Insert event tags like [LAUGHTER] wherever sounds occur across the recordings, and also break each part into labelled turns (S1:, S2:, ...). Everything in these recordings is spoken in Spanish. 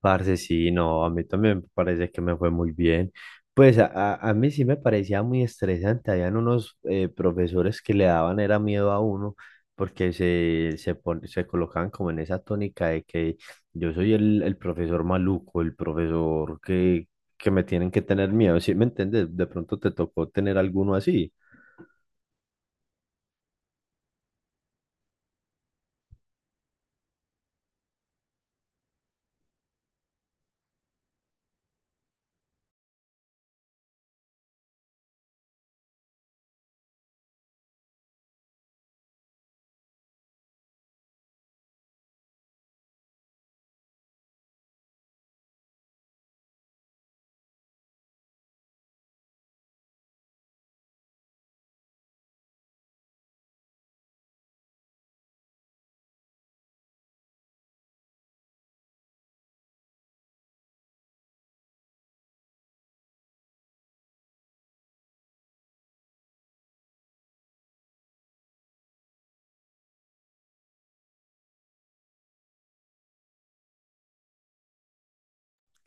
S1: Parce, sí, no, a mí también me parece que me fue muy bien. Pues a mí sí me parecía muy estresante. Habían unos profesores que le daban era miedo a uno porque se colocaban como en esa tónica de que yo soy el profesor maluco, el profesor que me tienen que tener miedo. ¿Sí me entiendes? De pronto te tocó tener alguno así.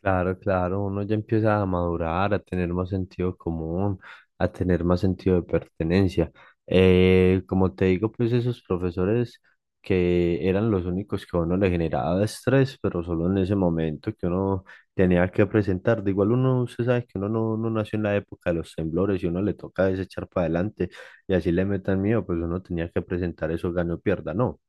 S1: Claro, claro, uno ya empieza a madurar, a tener más sentido común, a tener más sentido de pertenencia. Como te digo, pues esos profesores que eran los únicos que a uno le generaba estrés, pero solo en ese momento que uno tenía que presentar. De igual uno, usted sabe que uno no nació en la época de los temblores y uno le toca desechar para adelante y así le metan miedo, pues uno tenía que presentar eso, gane o pierda, no,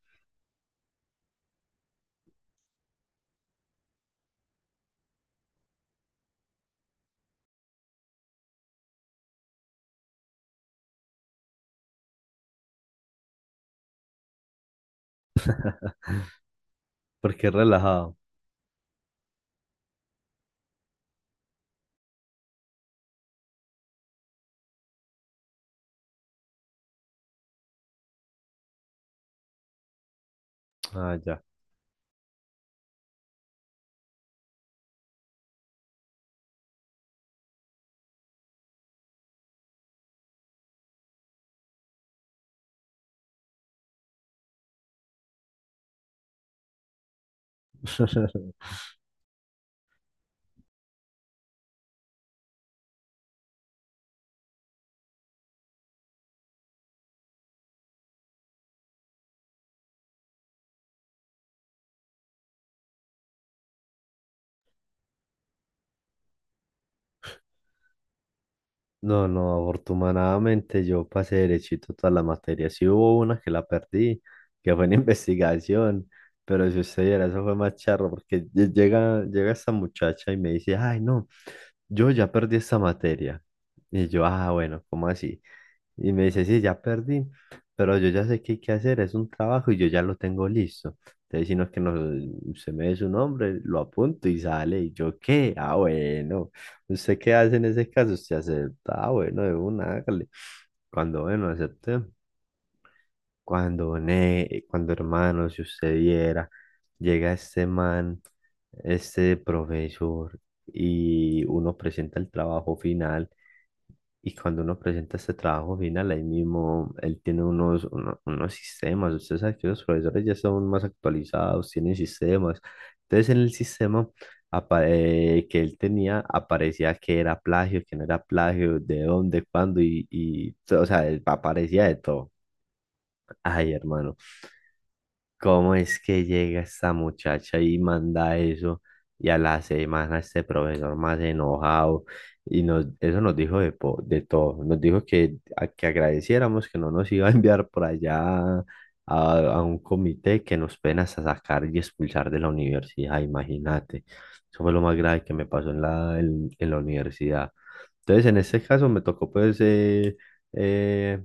S1: porque es relajado. Ah, ya. [LAUGHS] No, no, afortunadamente yo pasé derechito todas las materias. Sí hubo una que la perdí, que fue en [LAUGHS] investigación, pero si usted viera, eso fue más charro, porque llega esta muchacha y me dice, ay, no, yo ya perdí esta materia. Y yo, ah, bueno, ¿cómo así? Y me dice, sí, ya perdí, pero yo ya sé qué hay que hacer, es un trabajo y yo ya lo tengo listo. Entonces, si no es que no, se me dé su nombre, lo apunto y sale. Y yo, ¿qué? Ah, bueno. ¿Usted qué hace en ese caso? Usted acepta, ah, bueno, de una, hágale. Cuando, bueno, acepté. Cuando, hermano, si usted viera, llega este man, este profesor, y uno presenta el trabajo final. Y cuando uno presenta este trabajo final, ahí mismo él tiene unos sistemas. Usted sabe que los profesores ya son más actualizados, tienen sistemas. Entonces, en el sistema que él tenía, aparecía que era plagio, que no era plagio, de dónde, cuándo, y, o sea, aparecía de todo. Ay, hermano. ¿Cómo es que llega esta muchacha y manda eso? Y a la semana este profesor más enojado. Y nos, eso nos dijo de todo. Nos dijo que, que agradeciéramos que no nos iba a enviar por allá a, a un comité que nos ven hasta sacar y expulsar de la universidad. Imagínate. Eso fue lo más grave que me pasó en la, en la universidad. Entonces, en este caso me tocó pues eh,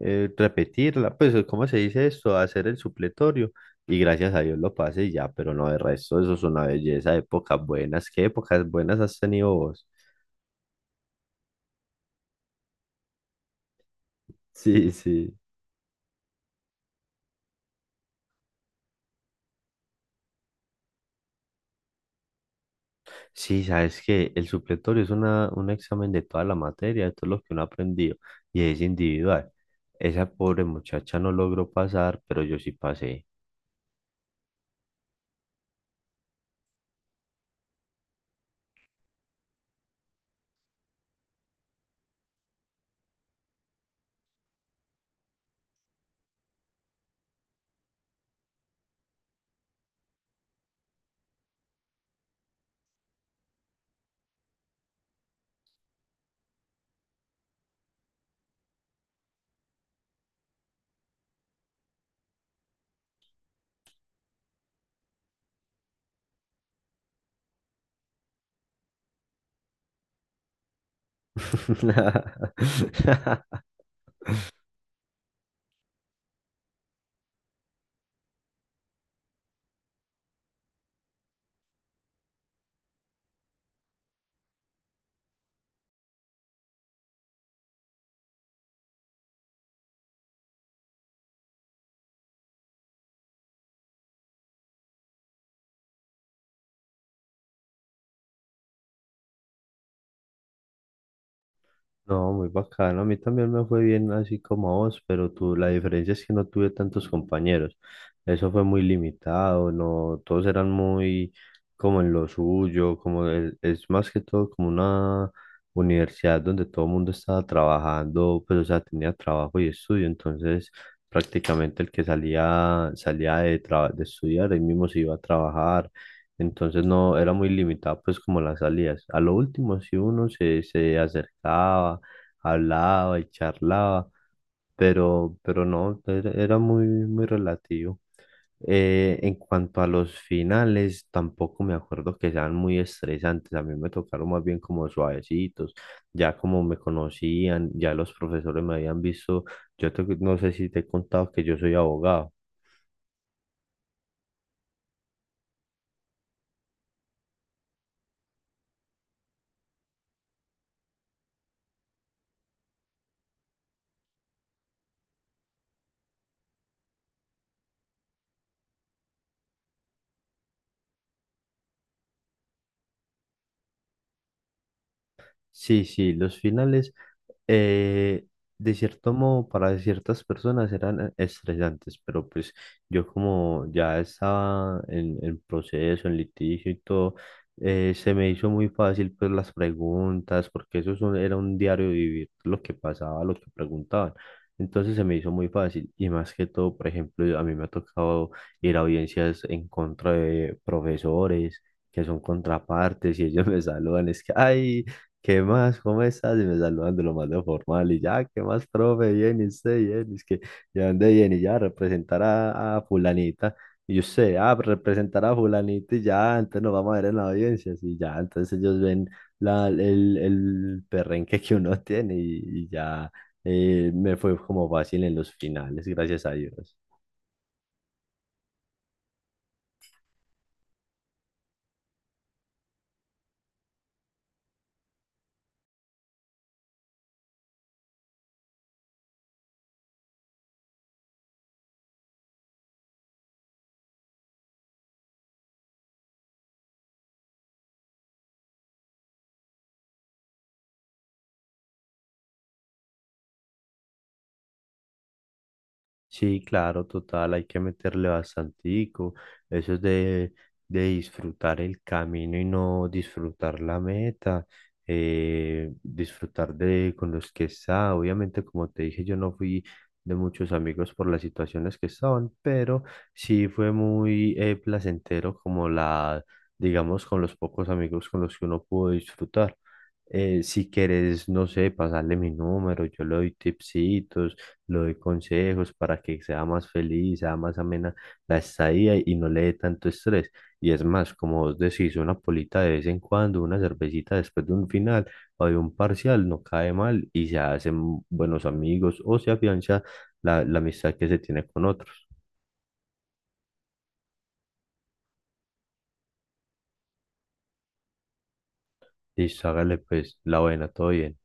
S1: repetirla, pues ¿cómo se dice esto? Hacer el supletorio y gracias a Dios lo pasé y ya, pero no, de resto eso es una belleza, épocas buenas, ¿qué épocas buenas has tenido vos? [LAUGHS] Sí, sí. Sí, sabes que el supletorio es un examen de toda la materia, de todo lo que uno ha aprendido y es individual. Esa pobre muchacha no logró pasar, pero yo sí pasé. [LAUGHS] No, muy bacano. A mí también me fue bien así como a vos, pero tú, la diferencia es que no tuve tantos compañeros. Eso fue muy limitado, no, todos eran muy como en lo suyo, como es más que todo como una universidad donde todo el mundo estaba trabajando, pues o sea, tenía trabajo y estudio, entonces prácticamente el que salía, salía de estudiar, él mismo se iba a trabajar. Entonces no, era muy limitado pues como las salidas. A lo último si uno se acercaba hablaba y charlaba, pero no, era muy, muy relativo. En cuanto a los finales, tampoco me acuerdo que sean muy estresantes. A mí me tocaron más bien como suavecitos. Ya como me conocían, ya los profesores me habían visto. No sé si te he contado que yo soy abogado. Sí, sí, los finales, eh, de cierto modo, para ciertas personas eran estresantes, pero pues yo como ya estaba en proceso, en litigio y todo, se me hizo muy fácil pues las preguntas, porque eso es era un diario vivir, lo que pasaba, lo que preguntaban. Entonces se me hizo muy fácil y más que todo, por ejemplo, a mí me ha tocado ir a audiencias en contra de profesores que son contrapartes y ellos [LAUGHS] me saludan, es que, ay, ¿qué más? ¿Cómo estás? Y me saludan de lo más de formal y ya, ¿qué más, profe? Bien, y usted, bien, es que ya ande bien. Y ya, representar a fulanita. Y usted, ah, representar a fulanita y ya, entonces nos vamos a ver en la audiencia, y ya, entonces ellos ven la, el, el perrenque que uno [LAUGHS] tiene y ya me fue como fácil en los finales, gracias a Dios. Sí, claro, total, hay que meterle bastantico. Eso es de disfrutar el camino y no disfrutar la meta, disfrutar de con los que está. Obviamente, como te dije, yo no fui de muchos amigos por las situaciones que estaban, pero sí fue muy placentero como digamos, con los pocos amigos con los que uno pudo disfrutar. Si quieres, no sé, pasarle mi número, yo le doy tipsitos le doy consejos para que sea más feliz, sea más amena la estadía y no le dé tanto estrés. Y es más, como vos decís, una polita de vez en cuando, una cervecita después de un final o de un parcial no cae mal y se hacen buenos amigos o se afianza la amistad que se tiene con otros. Y hágale pues la buena, todo bien.